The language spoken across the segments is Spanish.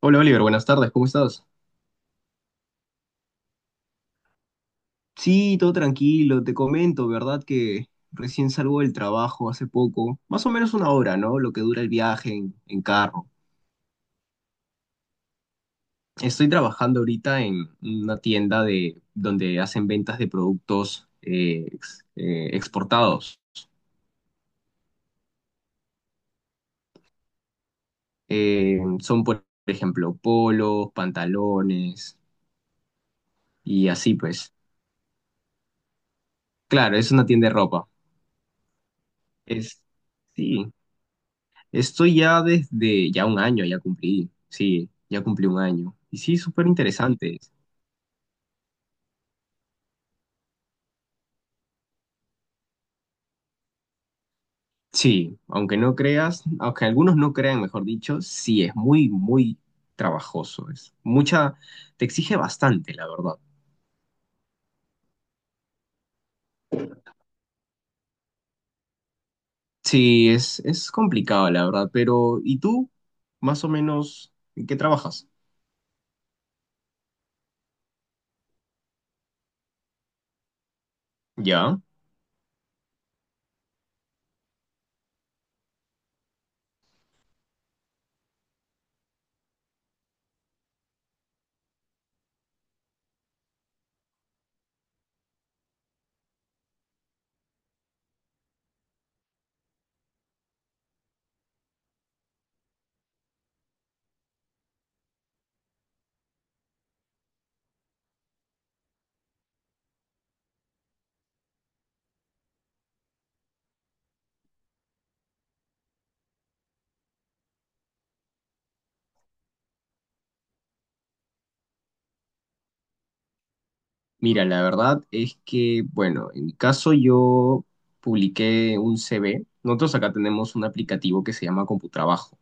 Hola Oliver, buenas tardes, ¿cómo estás? Sí, todo tranquilo, te comento, ¿verdad? Que recién salgo del trabajo hace poco, más o menos una hora, ¿no? Lo que dura el viaje en carro. Estoy trabajando ahorita en una tienda de, donde hacen ventas de productos exportados. Son, por ejemplo, polos, pantalones y así pues. Claro, es una tienda de ropa. Es, sí. Esto ya desde ya un año, ya cumplí, sí, ya cumplí un año. Y sí, súper interesante. Sí, aunque no creas, aunque algunos no crean, mejor dicho, sí, es muy, muy trabajoso. Es mucha, te exige bastante, la verdad. Sí, es complicado, la verdad, pero ¿y tú? Más o menos, ¿en qué trabajas? Ya. Mira, la verdad es que, bueno, en mi caso yo publiqué un CV. Nosotros acá tenemos un aplicativo que se llama CompuTrabajo.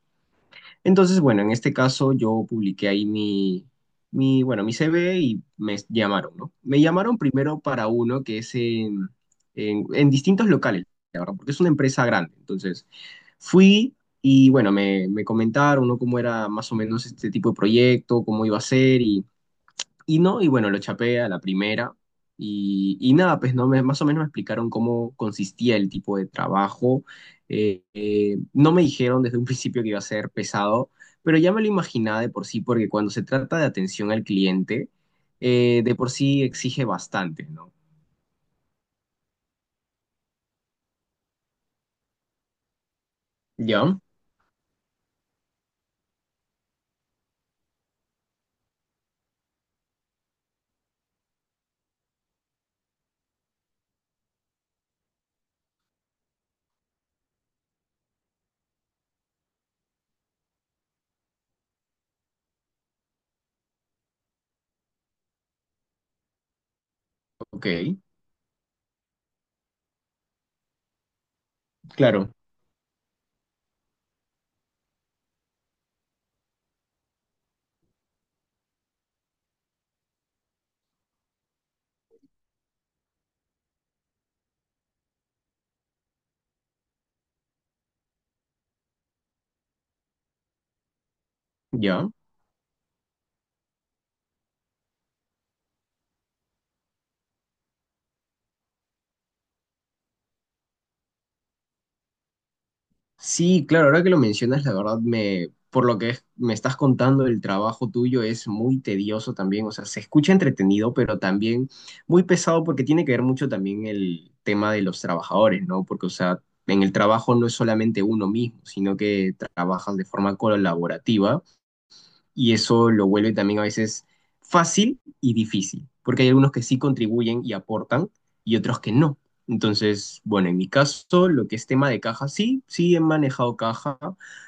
Entonces, bueno, en este caso yo publiqué ahí mi CV y me llamaron, ¿no? Me llamaron primero para uno que es en distintos locales, la verdad, porque es una empresa grande. Entonces, fui y, bueno, me comentaron, ¿no? Cómo era más o menos este tipo de proyecto, cómo iba a ser y no, y bueno, lo chapé a la primera. Y nada, pues no, me, más o menos me explicaron cómo consistía el tipo de trabajo. No me dijeron desde un principio que iba a ser pesado, pero ya me lo imaginaba de por sí, porque cuando se trata de atención al cliente, de por sí exige bastante, ¿no? Ya, ok, claro, ya. Sí, claro, ahora que lo mencionas, la verdad por lo que me estás contando, el trabajo tuyo es muy tedioso también, o sea, se escucha entretenido, pero también muy pesado porque tiene que ver mucho también el tema de los trabajadores, ¿no? Porque, o sea, en el trabajo no es solamente uno mismo, sino que trabajas de forma colaborativa y eso lo vuelve también a veces fácil y difícil, porque hay algunos que sí contribuyen y aportan y otros que no. Entonces, bueno, en mi caso, lo que es tema de caja, sí he manejado caja.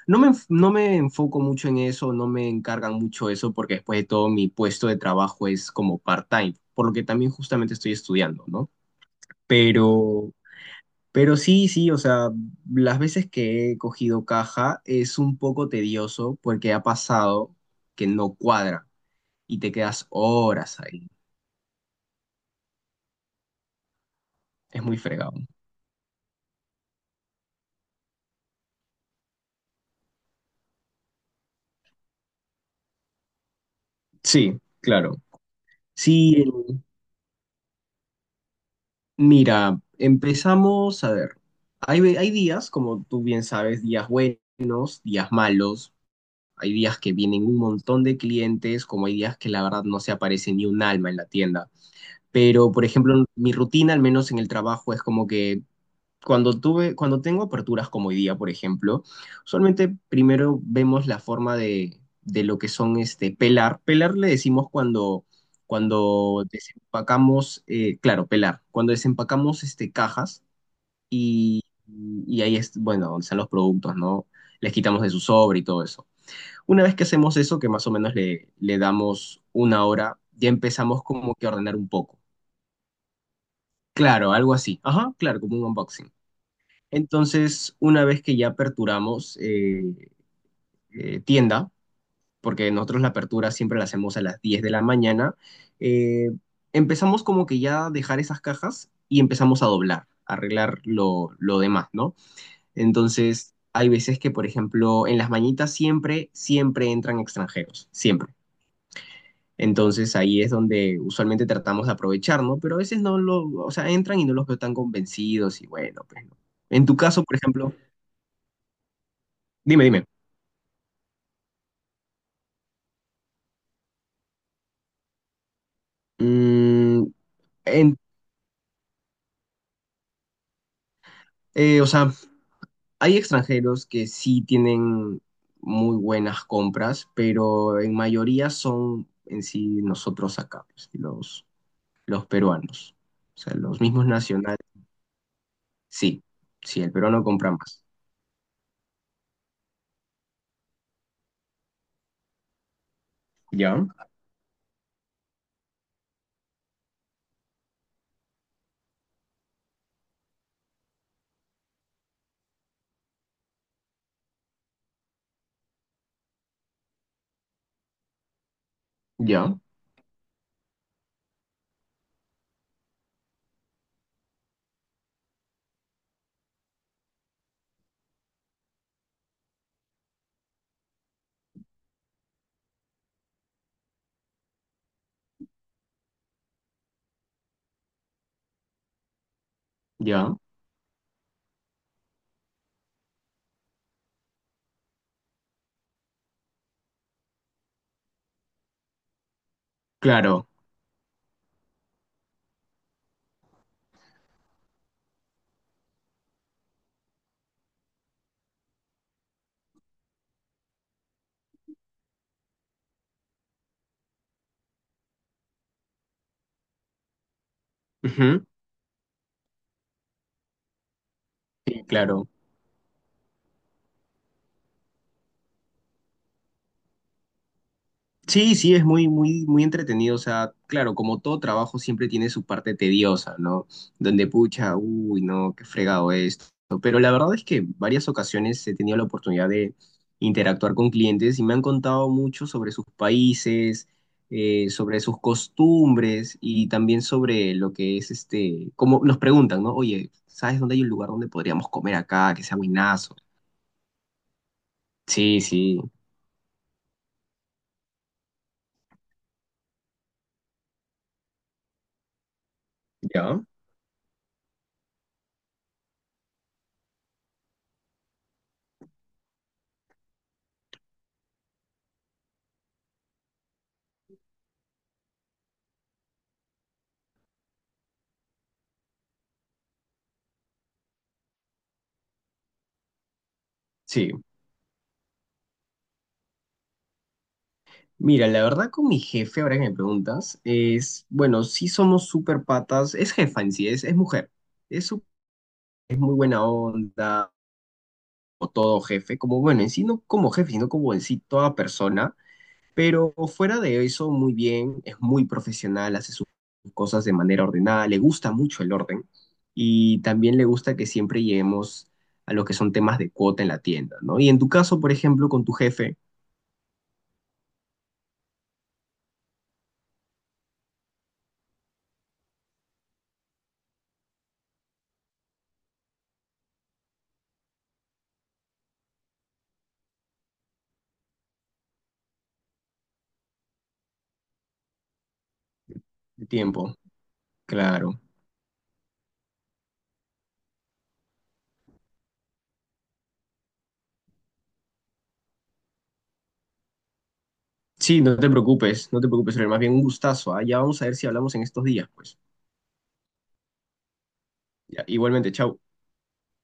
No me enfoco mucho en eso, no me encargan mucho eso, porque después de todo mi puesto de trabajo es como part-time, por lo que también justamente estoy estudiando, ¿no? Pero pero sí, sí, o sea, las veces que he cogido caja es un poco tedioso porque ha pasado que no cuadra y te quedas horas ahí. Es muy fregado. Sí, claro. Sí, mira, empezamos a ver. Hay días, como tú bien sabes, días buenos, días malos. Hay días que vienen un montón de clientes, como hay días que la verdad no se aparece ni un alma en la tienda. Pero, por ejemplo, mi rutina, al menos en el trabajo, es como que cuando tengo aperturas como hoy día, por ejemplo, usualmente primero vemos la forma de lo que son este pelar. Pelar le decimos cuando, cuando desempacamos, claro, pelar, cuando desempacamos este, cajas y ahí es, bueno, donde están los productos, ¿no? Les quitamos de su sobre y todo eso. Una vez que hacemos eso, que más o menos le damos una hora, ya empezamos como que a ordenar un poco. Claro, algo así. Ajá, claro, como un unboxing. Entonces, una vez que ya aperturamos tienda, porque nosotros la apertura siempre la hacemos a las 10 de la mañana, eh, empezamos como que ya a dejar esas cajas y empezamos a doblar, a arreglar lo demás, ¿no? Entonces, hay veces que, por ejemplo, en las mañitas siempre, siempre entran extranjeros, siempre. Entonces ahí es donde usualmente tratamos de aprovechar, ¿no? Pero a veces no lo, o sea, entran y no los veo tan convencidos y bueno, pues no. En tu caso, por ejemplo, dime, dime. Mm, en- o sea, hay extranjeros que sí tienen muy buenas compras, pero en mayoría son en sí nosotros acá, pues, los peruanos. O sea, los mismos nacionales. Sí, sí, el peruano compra más. Ya, ya, ya. Claro. Ujú. Sí, claro. Sí, sí, es muy, muy, muy entretenido. O sea, claro, como todo trabajo siempre tiene su parte tediosa, ¿no? Donde pucha, uy, no, qué fregado esto. Pero la verdad es que varias ocasiones he tenido la oportunidad de interactuar con clientes y me han contado mucho sobre sus países, sobre sus costumbres y también sobre lo que es este, como nos preguntan, ¿no? Oye, ¿sabes dónde hay un lugar donde podríamos comer acá, que sea buenazo? Sí, sí. ¿Ya? Sí. Mira, la verdad con mi jefe, ahora que me preguntas, es, bueno, sí somos súper patas, es jefa en sí, es mujer, es, su- es muy buena onda, o todo jefe, como, bueno, en sí no como jefe, sino como en sí toda persona, pero fuera de eso, muy bien, es muy profesional, hace sus cosas de manera ordenada, le gusta mucho el orden, y también le gusta que siempre lleguemos a lo que son temas de cuota en la tienda, ¿no? Y en tu caso, por ejemplo, con tu jefe de tiempo, claro. Sí, no te preocupes, no te preocupes, pero más bien un gustazo, ¿ah? Ya vamos a ver si hablamos en estos días, pues. Ya, igualmente, chau.